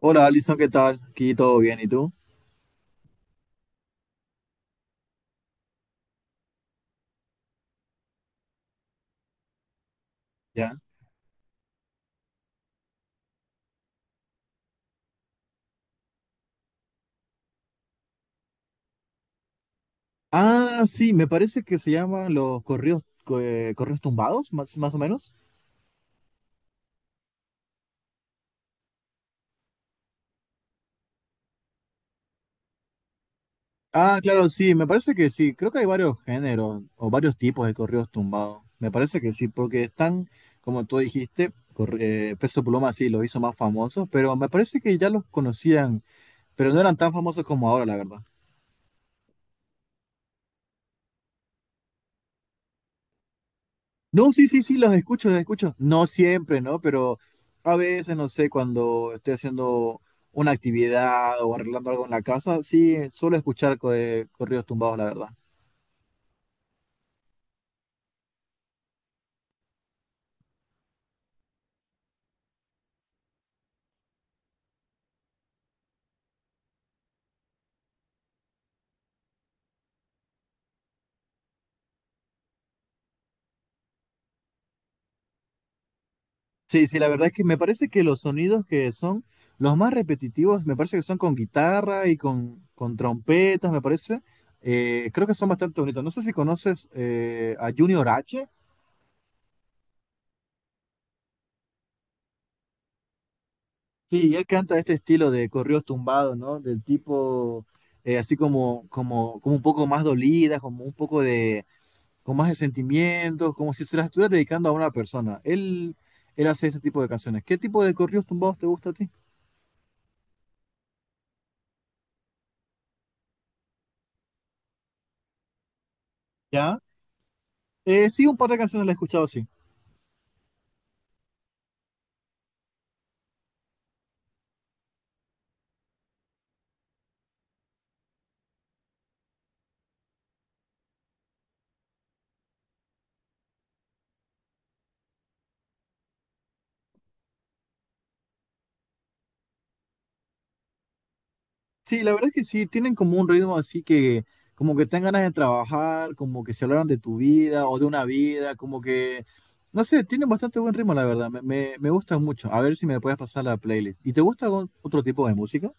Hola Alison, ¿qué tal? Aquí todo bien, ¿y tú? ¿Ya? Ah, sí, me parece que se llaman los correos, correos tumbados, más, más o menos. Ah, claro, sí, me parece que sí. Creo que hay varios géneros o varios tipos de correos tumbados. Me parece que sí, porque están, como tú dijiste, Peso Pluma sí los hizo más famosos, pero me parece que ya los conocían, pero no eran tan famosos como ahora, la verdad. No, sí, sí, sí, los escucho, los escucho. No siempre, ¿no? Pero a veces, no sé, cuando estoy haciendo una actividad o arreglando algo en la casa, sí, suelo escuchar corridos tumbados, la verdad. Sí, sí, la verdad es que me parece que los sonidos que son los más repetitivos, me parece que son con guitarra y con trompetas, me parece. Creo que son bastante bonitos. No sé si conoces a Junior H. Sí, él canta este estilo de corridos tumbados, ¿no? Del tipo, así como, como un poco más dolida, como un poco de, con más de sentimientos, como si se las estuvieras dedicando a una persona. Él hace ese tipo de canciones. ¿Qué tipo de corridos tumbados te gusta a ti? ¿Ya? Sí, un par de canciones las he escuchado, sí. Sí, la verdad es que sí, tienen como un ritmo así que, como que tengan ganas de trabajar, como que se hablaron de tu vida o de una vida, como que, no sé, tienen bastante buen ritmo, la verdad, me gusta mucho. A ver si me puedes pasar la playlist. ¿Y te gusta algún otro tipo de música?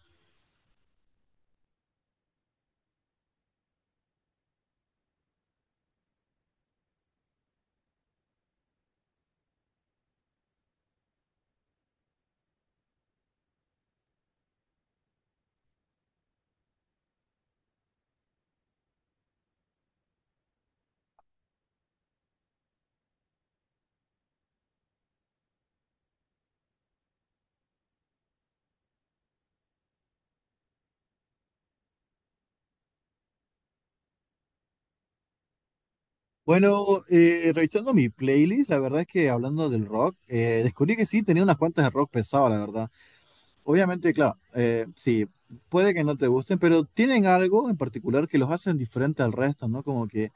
Bueno, revisando mi playlist, la verdad es que hablando del rock, descubrí que sí, tenía unas cuantas de rock pesado, la verdad. Obviamente, claro, sí, puede que no te gusten, pero tienen algo en particular que los hacen diferente al resto, ¿no? Como que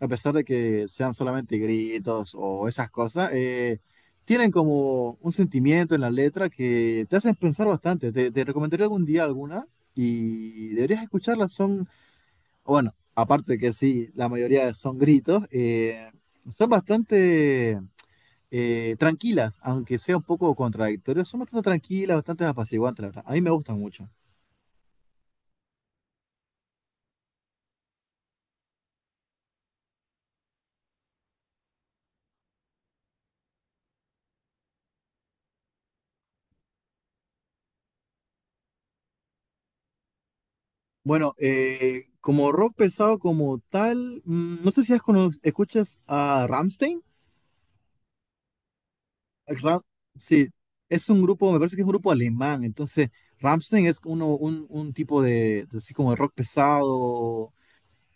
a pesar de que sean solamente gritos o esas cosas, tienen como un sentimiento en la letra que te hacen pensar bastante. Te recomendaría algún día alguna y deberías escucharlas. Son, bueno, aparte que sí, la mayoría son gritos, son bastante tranquilas, aunque sea un poco contradictorias. Son bastante tranquilas, bastante apaciguantes, la verdad. A mí me gustan mucho. Bueno, como rock pesado como tal, no sé si escuchas a Rammstein. Ram- sí, es un grupo, me parece que es un grupo alemán, entonces Rammstein es uno, un tipo de así como de rock pesado,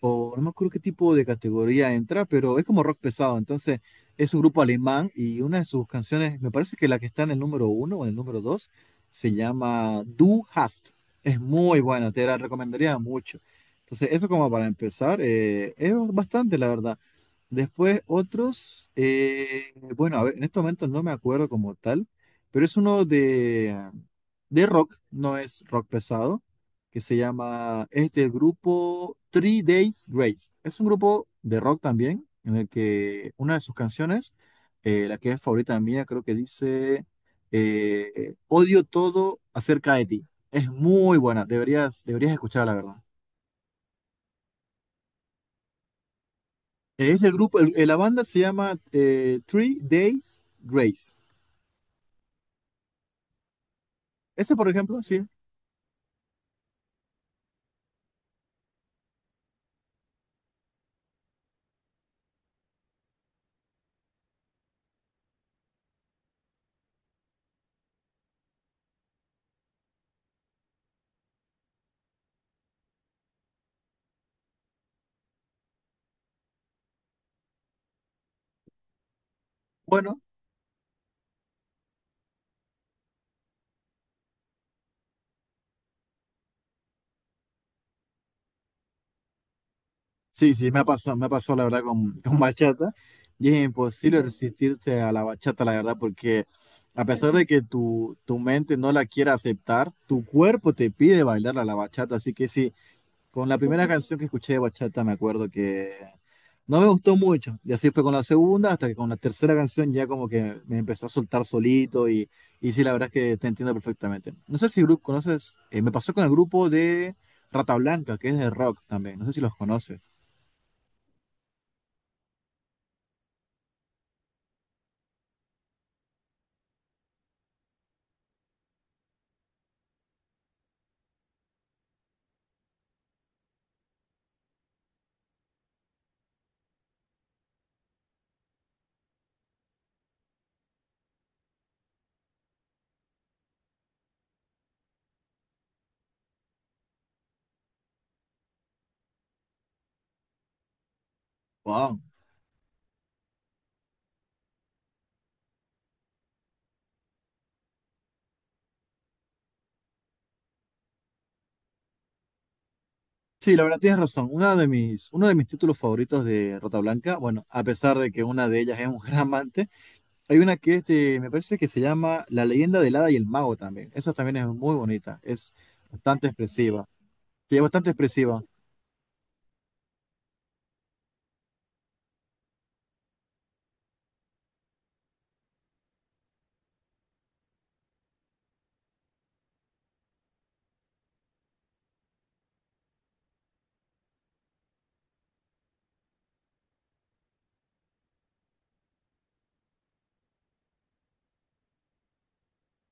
o no me acuerdo qué tipo de categoría entra, pero es como rock pesado. Entonces, es un grupo alemán y una de sus canciones, me parece que la que está en el número uno o en el número dos, se llama Du Hast. Es muy buena, te la recomendaría mucho. Entonces, eso como para empezar, es bastante, la verdad. Después, otros, bueno, a ver, en estos momentos no me acuerdo como tal, pero es uno de rock, no es rock pesado que se llama, es del grupo Three Days Grace. Es un grupo de rock también, en el que una de sus canciones, la que es favorita mía, creo que dice, Odio todo acerca de ti. Es muy buena, deberías, deberías escucharla, la verdad. Es el grupo, la banda se llama Three Days Grace. Ese, por ejemplo, sí. Bueno, sí, sí, me ha pasado la verdad con, con bachata y es imposible resistirse a la bachata, la verdad, porque a pesar de que tu mente no la quiera aceptar, tu cuerpo te pide bailar a la bachata, así que sí, con la primera canción que escuché de bachata me acuerdo que no me gustó mucho y así fue con la segunda hasta que con la tercera canción ya como que me empecé a soltar solito y sí, la verdad es que te entiendo perfectamente. No sé si conoces, me pasó con el grupo de Rata Blanca, que es de rock también, no sé si los conoces. Wow. Sí, la verdad tienes razón. Una de mis, uno de mis títulos favoritos de Rata Blanca, bueno, a pesar de que una de ellas es un gran amante, hay una que me parece que se llama La leyenda del hada y el mago también. Esa también es muy bonita, es bastante expresiva. Sí, es bastante expresiva.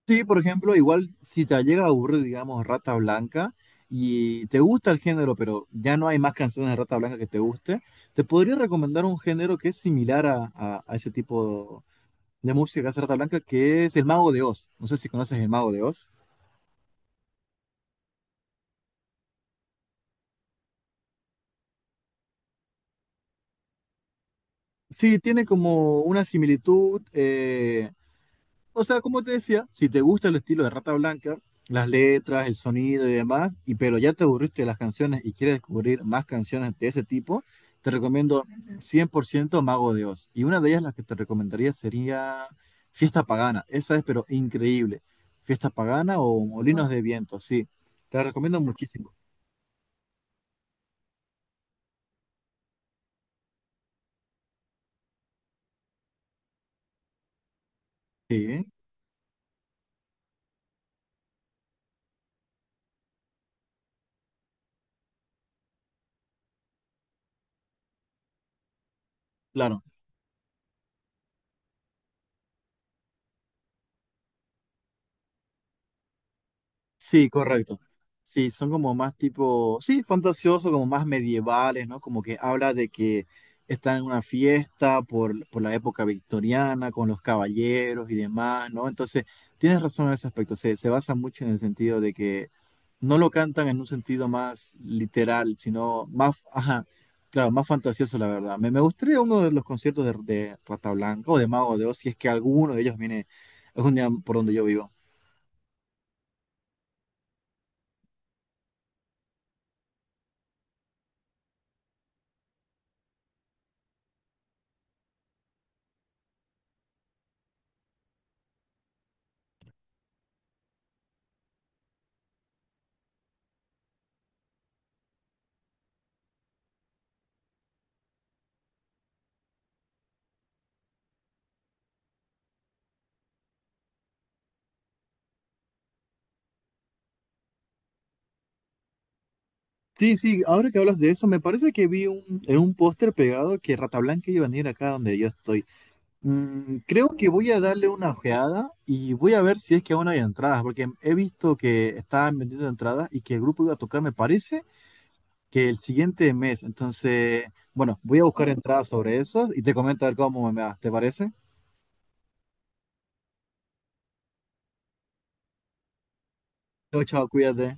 Sí, por ejemplo, igual si te llega a aburrir, digamos, Rata Blanca y te gusta el género, pero ya no hay más canciones de Rata Blanca que te guste, te podría recomendar un género que es similar a, a ese tipo de música hace rata Blanca, que es El Mago de Oz. No sé si conoces El Mago de Oz. Sí, tiene como una similitud. O sea, como te decía, si te gusta el estilo de Rata Blanca, las letras, el sonido y demás, y pero ya te aburriste de las canciones y quieres descubrir más canciones de ese tipo, te recomiendo 100% Mago de Oz. Y una de ellas, la que te recomendaría, sería Fiesta Pagana. Esa es, pero increíble. Fiesta Pagana o Molinos de Viento, sí. Te la recomiendo muchísimo. Sí, ¿eh? Claro. Sí, correcto. Sí, son como más tipo, sí, fantasioso, como más medievales, ¿no? Como que habla de que están en una fiesta por la época victoriana, con los caballeros y demás, ¿no? Entonces, tienes razón en ese aspecto, se basa mucho en el sentido de que no lo cantan en un sentido más literal, sino más, ajá, claro, más fantasioso, la verdad. Me gustaría uno de los conciertos de Rata Blanca o de Mago de Oz, si es que alguno de ellos viene algún día por donde yo vivo. Sí, sí, ahora que hablas de eso, me parece que vi un, en un póster pegado que Rata Blanca iba a venir acá donde yo estoy. Creo que voy a darle una ojeada y voy a ver si es que aún hay entradas, porque he visto que estaban vendiendo entradas y que el grupo iba a tocar, me parece, que el siguiente mes. Entonces, bueno, voy a buscar entradas sobre eso y te comento a ver cómo me va. ¿Te parece? Chao, chao, cuídate.